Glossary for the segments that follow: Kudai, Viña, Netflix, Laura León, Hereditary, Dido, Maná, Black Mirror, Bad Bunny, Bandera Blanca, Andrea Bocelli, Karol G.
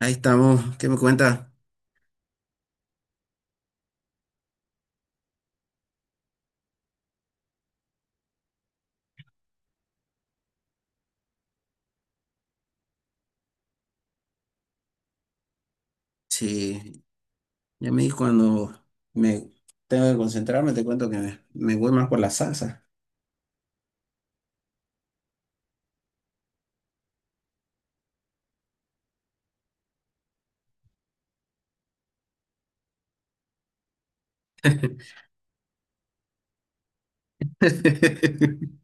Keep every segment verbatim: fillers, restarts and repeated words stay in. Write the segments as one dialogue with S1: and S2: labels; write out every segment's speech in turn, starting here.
S1: Ahí estamos. ¿Qué me cuenta? Sí, ya me di cuando me tengo que concentrarme, te cuento que me, me voy más por la salsa.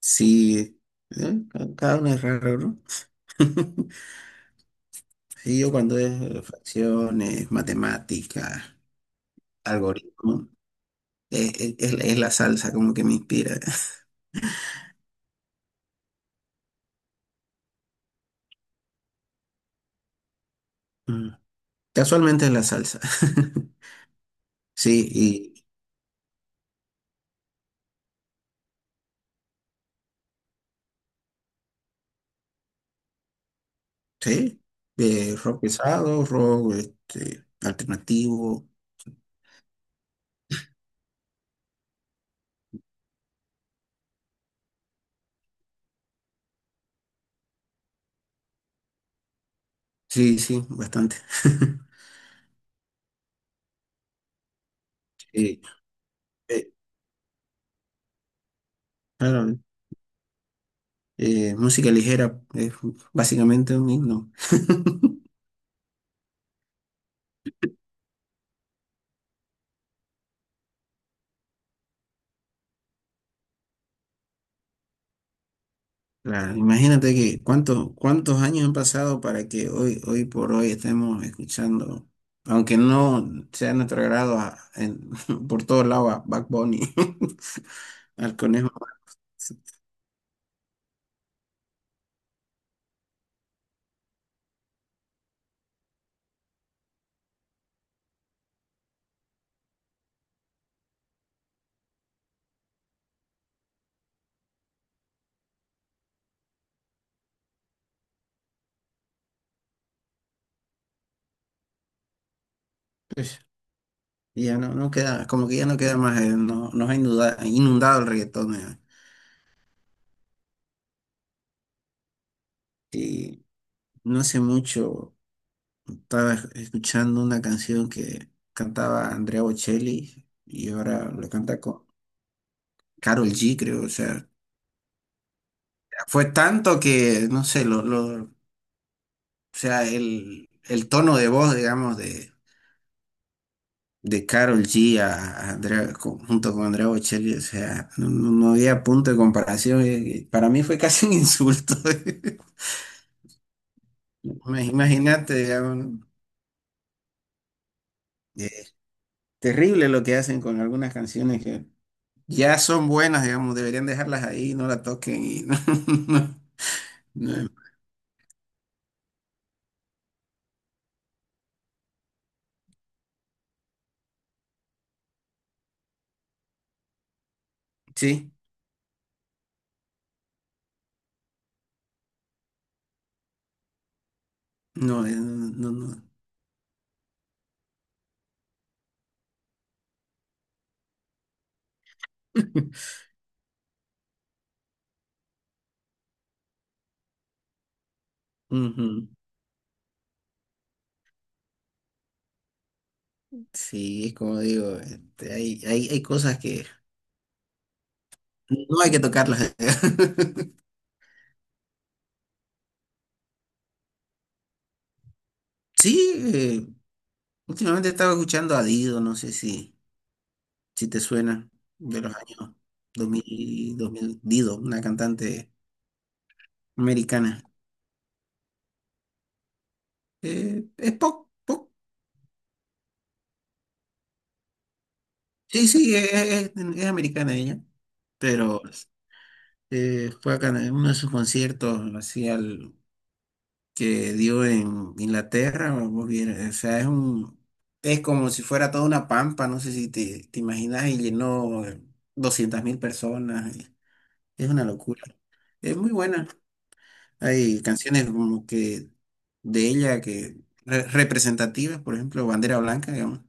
S1: Sí, ¿eh? Ca- cada uno es raro, ¿no? Sí, yo cuando es eh, fracciones, matemáticas, algoritmo, es, es- es la es la salsa como que me inspira. Mm. Casualmente es la salsa. Sí, y sí, eh, rock pesado, rock este, alternativo. Sí, sí, bastante. Sí, eh, claro, eh, música ligera es básicamente un himno. Claro, imagínate que cuántos, cuántos años han pasado para que hoy, hoy por hoy estemos escuchando, aunque no sea de nuestro agrado, a- en- por todos lados a Bad Bunny, al conejo. Max. Pues, ya no, no queda, como que ya no queda más, eh, no, nos ha inunda- inundado, el reggaetón. eh. Y no hace mucho. Estaba escuchando una canción que cantaba Andrea Bocelli y ahora lo canta con Karol G, creo. O sea, fue tanto que, no sé, lo, lo, o sea, el, el tono de voz, digamos, de, de Karol G a, a Andrea, con- junto con Andrea Bocelli, o sea, no, no- no había punto de comparación. eh, eh, Para mí fue casi un insulto. Ima- Imagínate, digamos, ¿no? eh, terrible lo que hacen con algunas canciones que ya son buenas, digamos, deberían dejarlas ahí, no la toquen y no, no, no, sí, no, eh, no, no, no. Ujú. Sí, como digo, este, hay, hay, hay cosas que no hay que tocarlas. Sí, eh, últimamente estaba escuchando a Dido, no sé si, si te suena, de los años dos mil dos mil Dido, una cantante americana. Eh, es pop, pop. Sí, sí, es, es- es americana ella, pero Eh, fue acá en uno de sus conciertos, así al que dio en Inglaterra, o vos vier- o sea, es un, es como si fuera toda una pampa, no sé si te, te imaginas, y llenó doscientas mil personas, y es una locura, es muy buena, hay canciones como que de ella que re- representativas, por ejemplo, Bandera Blanca, digamos,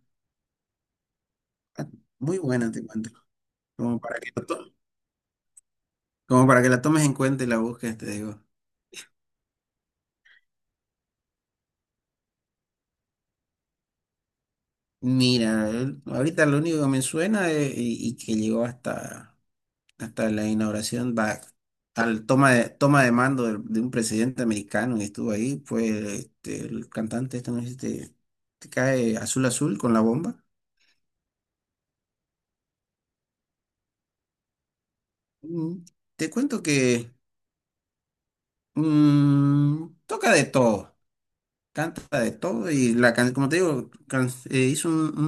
S1: ah, muy buena te cuento, como para que la to- como para que la tomes en cuenta y la busques, te digo. Mira, el- ahorita lo único que me suena es- y, y que llegó hasta, hasta la inauguración, va, al toma de, toma de mando del- de, un presidente americano que estuvo ahí, fue este, el cantante este, ¿no? Este, que cae Azul Azul con la bomba. Mm, te cuento que mm, toca de todo, canta de todo y la can- como te digo, can- eh, hizo un-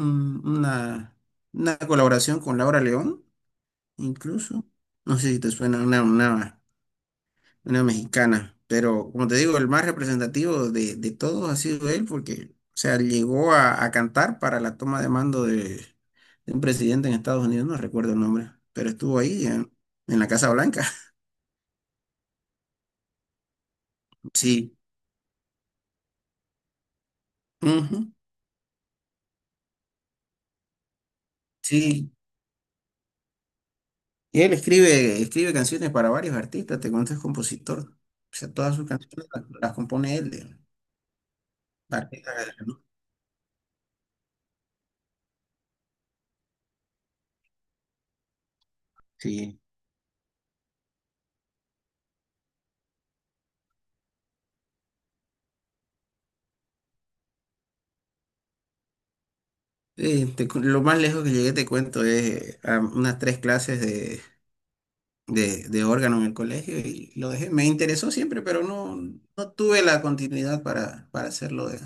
S1: un- una, una colaboración con Laura León, incluso. No sé si te suena una, una una mexicana. Pero como te digo, el más representativo de, de todos ha sido él porque, o sea, llegó a, a cantar para la toma de mando de, de un presidente en Estados Unidos, no recuerdo el nombre, pero estuvo ahí en, en la Casa Blanca. Sí, ujú, sí. Y él escribe, escribe canciones para varios artistas, te cuento, es compositor. O sea, todas sus canciones las, las compone él. De- artistas ¿no? Sí. Eh, te cu- lo más lejos que llegué, te cuento, es eh, a unas tres clases de de, de órgano en el colegio y lo dejé. Me interesó siempre, pero no, no tuve la continuidad para, para hacerlo. de-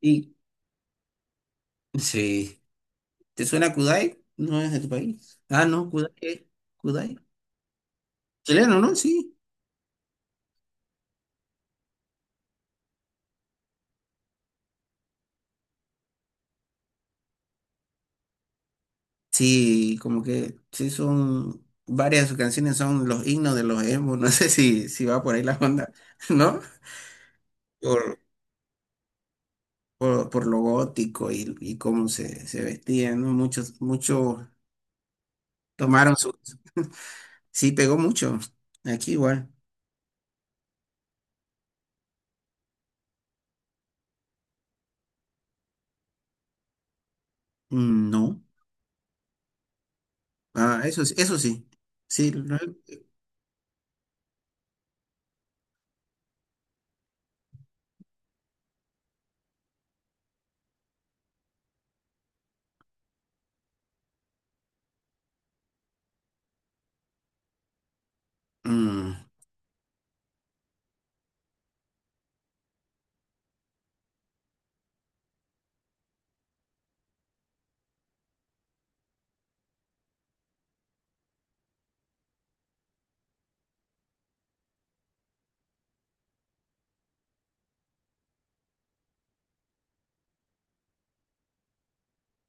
S1: Y sí, ¿te suena Kudai? No es de tu país. Ah, no, Kudai. es- Kudai. Chileno, ¿no? Sí. Sí, como que sí son varias de sus canciones son los himnos de los emo. No sé si, si va por ahí la onda, ¿no? Por, por, por lo gótico y, y cómo se, se vestían, ¿no? Muchos, muchos tomaron su... Sí, pegó mucho. Aquí igual. Mm, no, ah, eso, sí- eso sí, sí, lo- mm,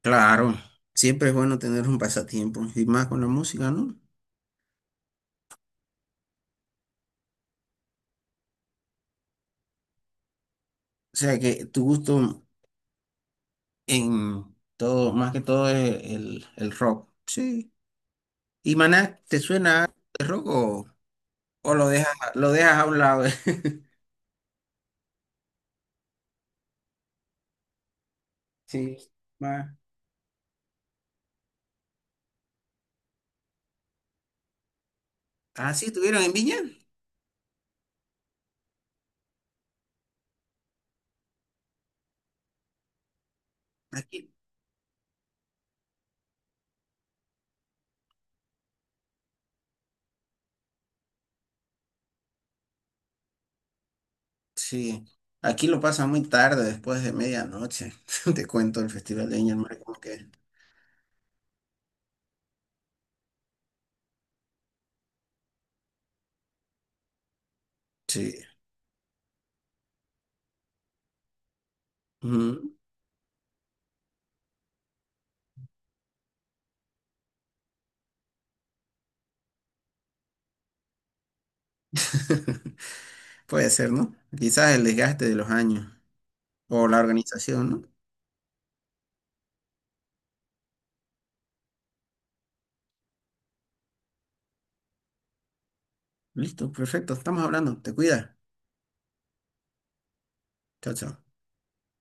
S1: claro, siempre es bueno tener un pasatiempo y más con la música, ¿no? O sea que tu gusto en todo, más que todo es el, el rock, sí. ¿Y Maná, te suena algo de rock o, o lo dejas, lo dejas a un lado? Sí, más. Ah, sí, estuvieron en Viña, aquí, sí, aquí lo pasa muy tarde, después de medianoche, te cuento el Festival de Viña, hermano, como que, sí. Ujú. Puede ser, ¿no? Quizás el desgaste de los años o la organización, ¿no? Listo, perfecto. Estamos hablando. Te cuida. Chao, chao.